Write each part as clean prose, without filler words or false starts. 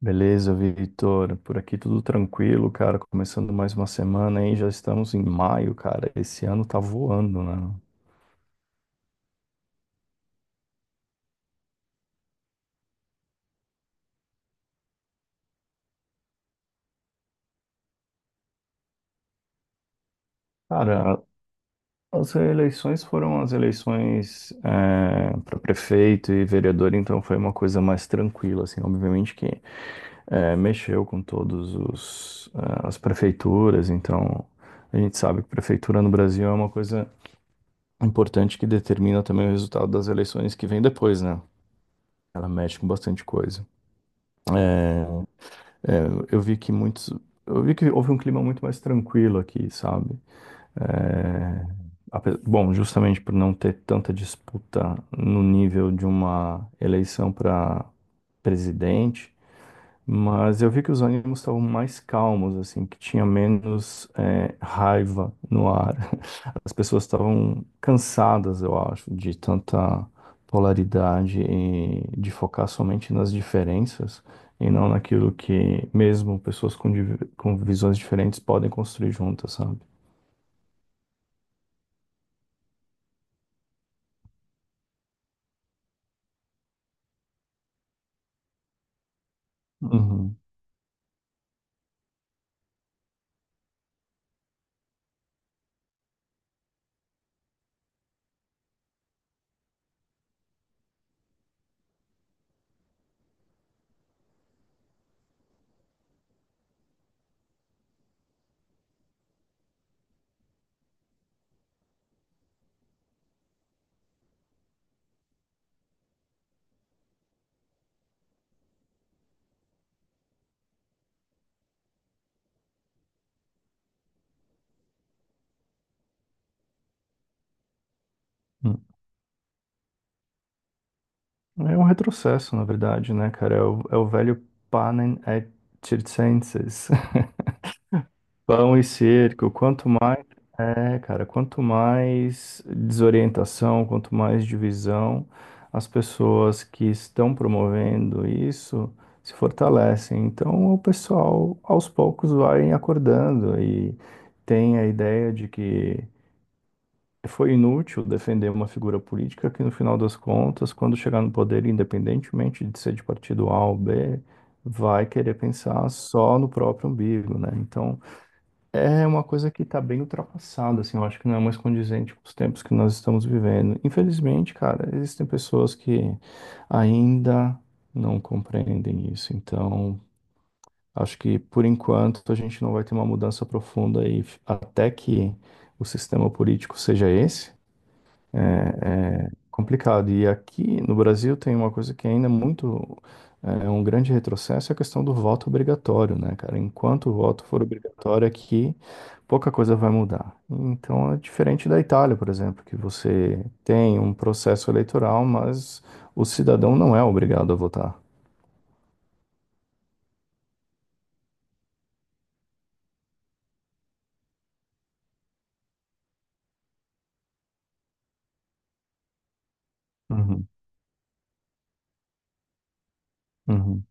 Beleza, Vitor. Por aqui tudo tranquilo, cara. Começando mais uma semana, hein? Já estamos em maio, cara. Esse ano tá voando, né? Cara, as eleições foram as eleições para prefeito e vereador, então foi uma coisa mais tranquila, assim. Obviamente que mexeu com todos os as prefeituras, então a gente sabe que prefeitura no Brasil é uma coisa importante que determina também o resultado das eleições que vem depois, né? Ela mexe com bastante coisa. É, eu vi que muitos. Eu vi que houve um clima muito mais tranquilo aqui, sabe? É, bom, justamente por não ter tanta disputa no nível de uma eleição para presidente, mas eu vi que os ânimos estavam mais calmos, assim, que tinha menos, raiva no ar. As pessoas estavam cansadas, eu acho, de tanta polaridade e de focar somente nas diferenças e não naquilo que mesmo pessoas com visões diferentes podem construir juntas, sabe? Uhum. Uhum. É um retrocesso, na verdade, né, cara? É o velho panem et circenses. Pão e cerco, quanto mais, cara, quanto mais desorientação, quanto mais divisão, as pessoas que estão promovendo isso se fortalecem. Então, o pessoal aos poucos vai acordando e tem a ideia de que foi inútil defender uma figura política que, no final das contas, quando chegar no poder, independentemente de ser de partido A ou B, vai querer pensar só no próprio umbigo, né? Então, é uma coisa que tá bem ultrapassada, assim, eu acho que não é mais condizente com os tempos que nós estamos vivendo. Infelizmente, cara, existem pessoas que ainda não compreendem isso. Então, acho que por enquanto a gente não vai ter uma mudança profunda aí, até que o sistema político seja esse. Complicado. E aqui no Brasil tem uma coisa que ainda é muito é um grande retrocesso, é a questão do voto obrigatório, né, cara? Enquanto o voto for obrigatório aqui, pouca coisa vai mudar. Então é diferente da Itália, por exemplo, que você tem um processo eleitoral, mas o cidadão não é obrigado a votar. Uhum, uhum,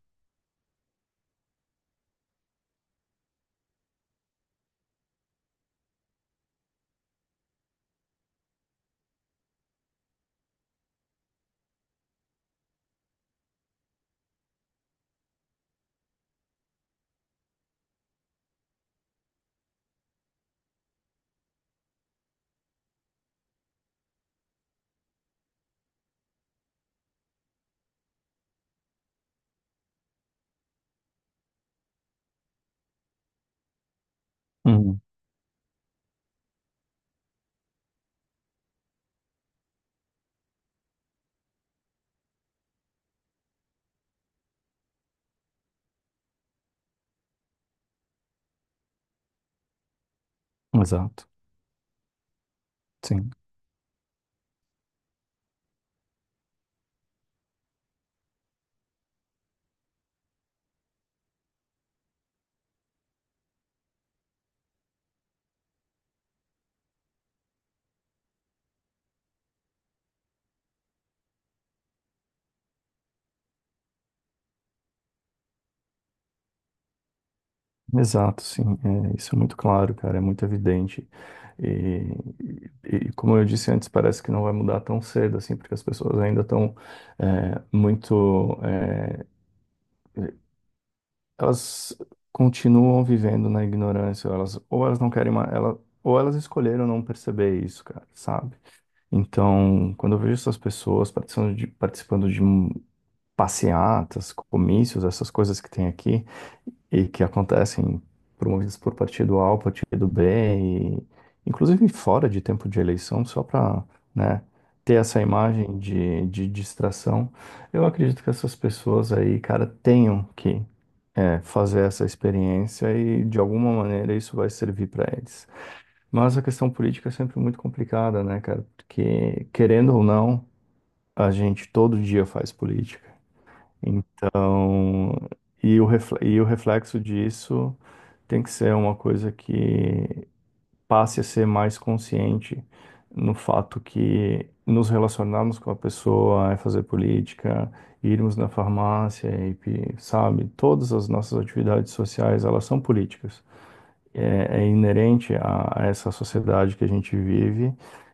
uhum. Exato. Sim. Exato, sim, é, isso é muito claro, cara, é muito evidente. E, e como eu disse antes, parece que não vai mudar tão cedo, assim, porque as pessoas ainda estão é, muito. é, elas continuam vivendo na ignorância, ou elas não querem mais, ela, ou elas escolheram não perceber isso, cara, sabe? Então, quando eu vejo essas pessoas participando de passeatas, comícios, essas coisas que tem aqui e que acontecem promovidas por partido A ou partido B, e, inclusive fora de tempo de eleição, só para, né, ter essa imagem de distração. Eu acredito que essas pessoas aí, cara, tenham que fazer essa experiência e de alguma maneira isso vai servir para eles. Mas a questão política é sempre muito complicada, né, cara? Porque querendo ou não, a gente todo dia faz política. Então, e o reflexo disso tem que ser uma coisa que passe a ser mais consciente no fato que nos relacionarmos com a pessoa é fazer política, irmos na farmácia, sabe, todas as nossas atividades sociais, elas são políticas é inerente a essa sociedade que a gente vive,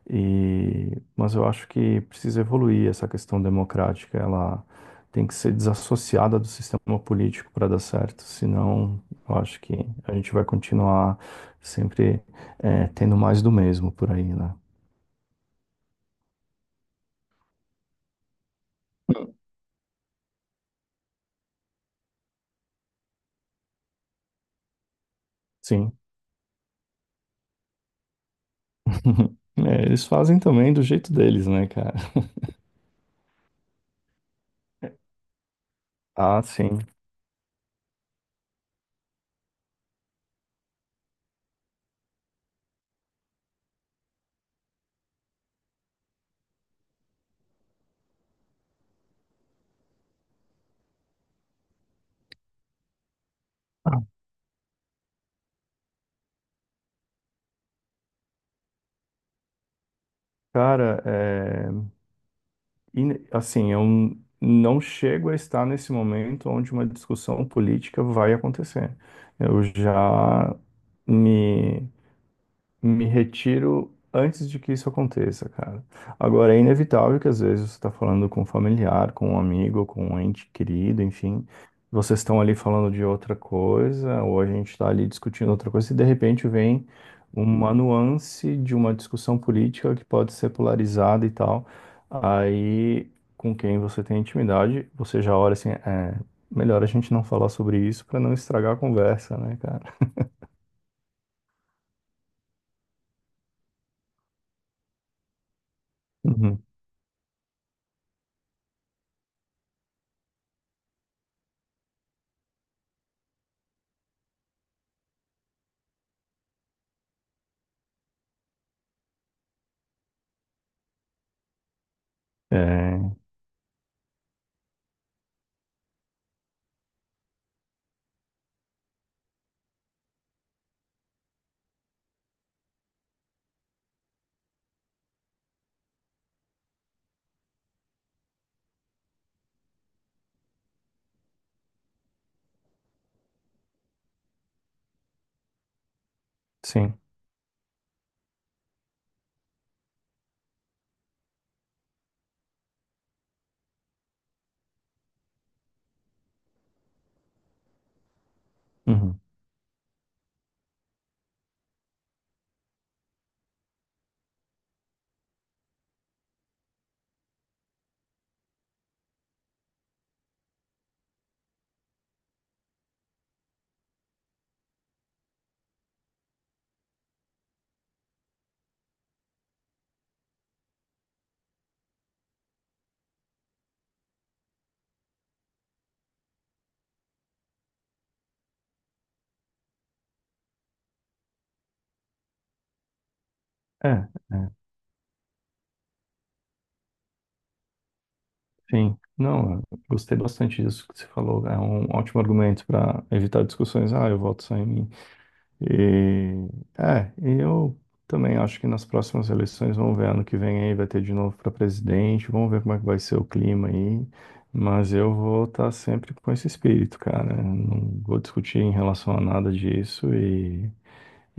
e, mas eu acho que precisa evoluir essa questão democrática, ela tem que ser desassociada do sistema político para dar certo, senão eu acho que a gente vai continuar sempre tendo mais do mesmo por aí, né? Hum. Sim. É, eles fazem também do jeito deles, né, cara? Ah, sim. Cara, é, assim, eu não chego a estar nesse momento onde uma discussão política vai acontecer. Eu já me me retiro antes de que isso aconteça, cara. Agora, é inevitável que às vezes você está falando com um familiar, com um amigo, com um ente querido, enfim. Vocês estão ali falando de outra coisa, ou a gente está ali discutindo outra coisa, e de repente vem uma nuance de uma discussão política que pode ser polarizada e tal. Aí, com quem você tem intimidade, você já olha assim, melhor a gente não falar sobre isso para não estragar a conversa, né, cara? Uhum. É, sim. Uhum. É, é, sim. Não, eu gostei bastante disso que você falou. É um ótimo argumento para evitar discussões. Ah, eu voto só em mim. E, e eu também acho que nas próximas eleições, vamos ver, ano que vem aí vai ter de novo para presidente, vamos ver como é que vai ser o clima aí. Mas eu vou estar sempre com esse espírito, cara. Eu não vou discutir em relação a nada disso e.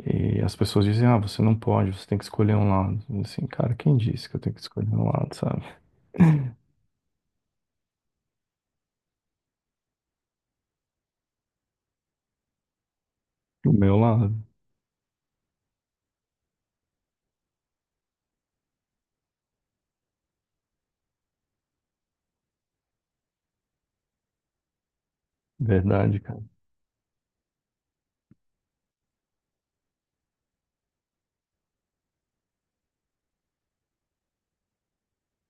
E as pessoas dizem, ah, você não pode, você tem que escolher um lado. Assim, cara, quem disse que eu tenho que escolher um lado, sabe? O meu lado. Verdade, cara.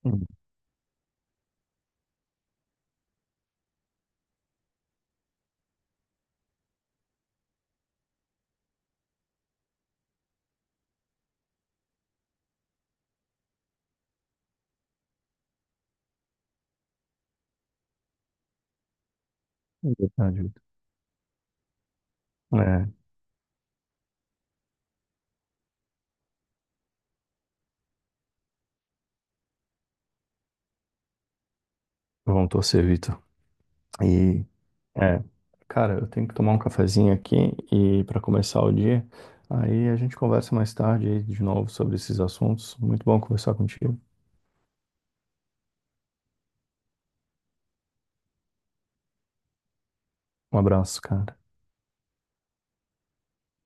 Hum, é verdade, Vitor. É, vamos torcer, Vitor. E, é, cara, eu tenho que tomar um cafezinho aqui e para começar o dia. Aí a gente conversa mais tarde aí de novo sobre esses assuntos. Muito bom conversar contigo. Um abraço, cara.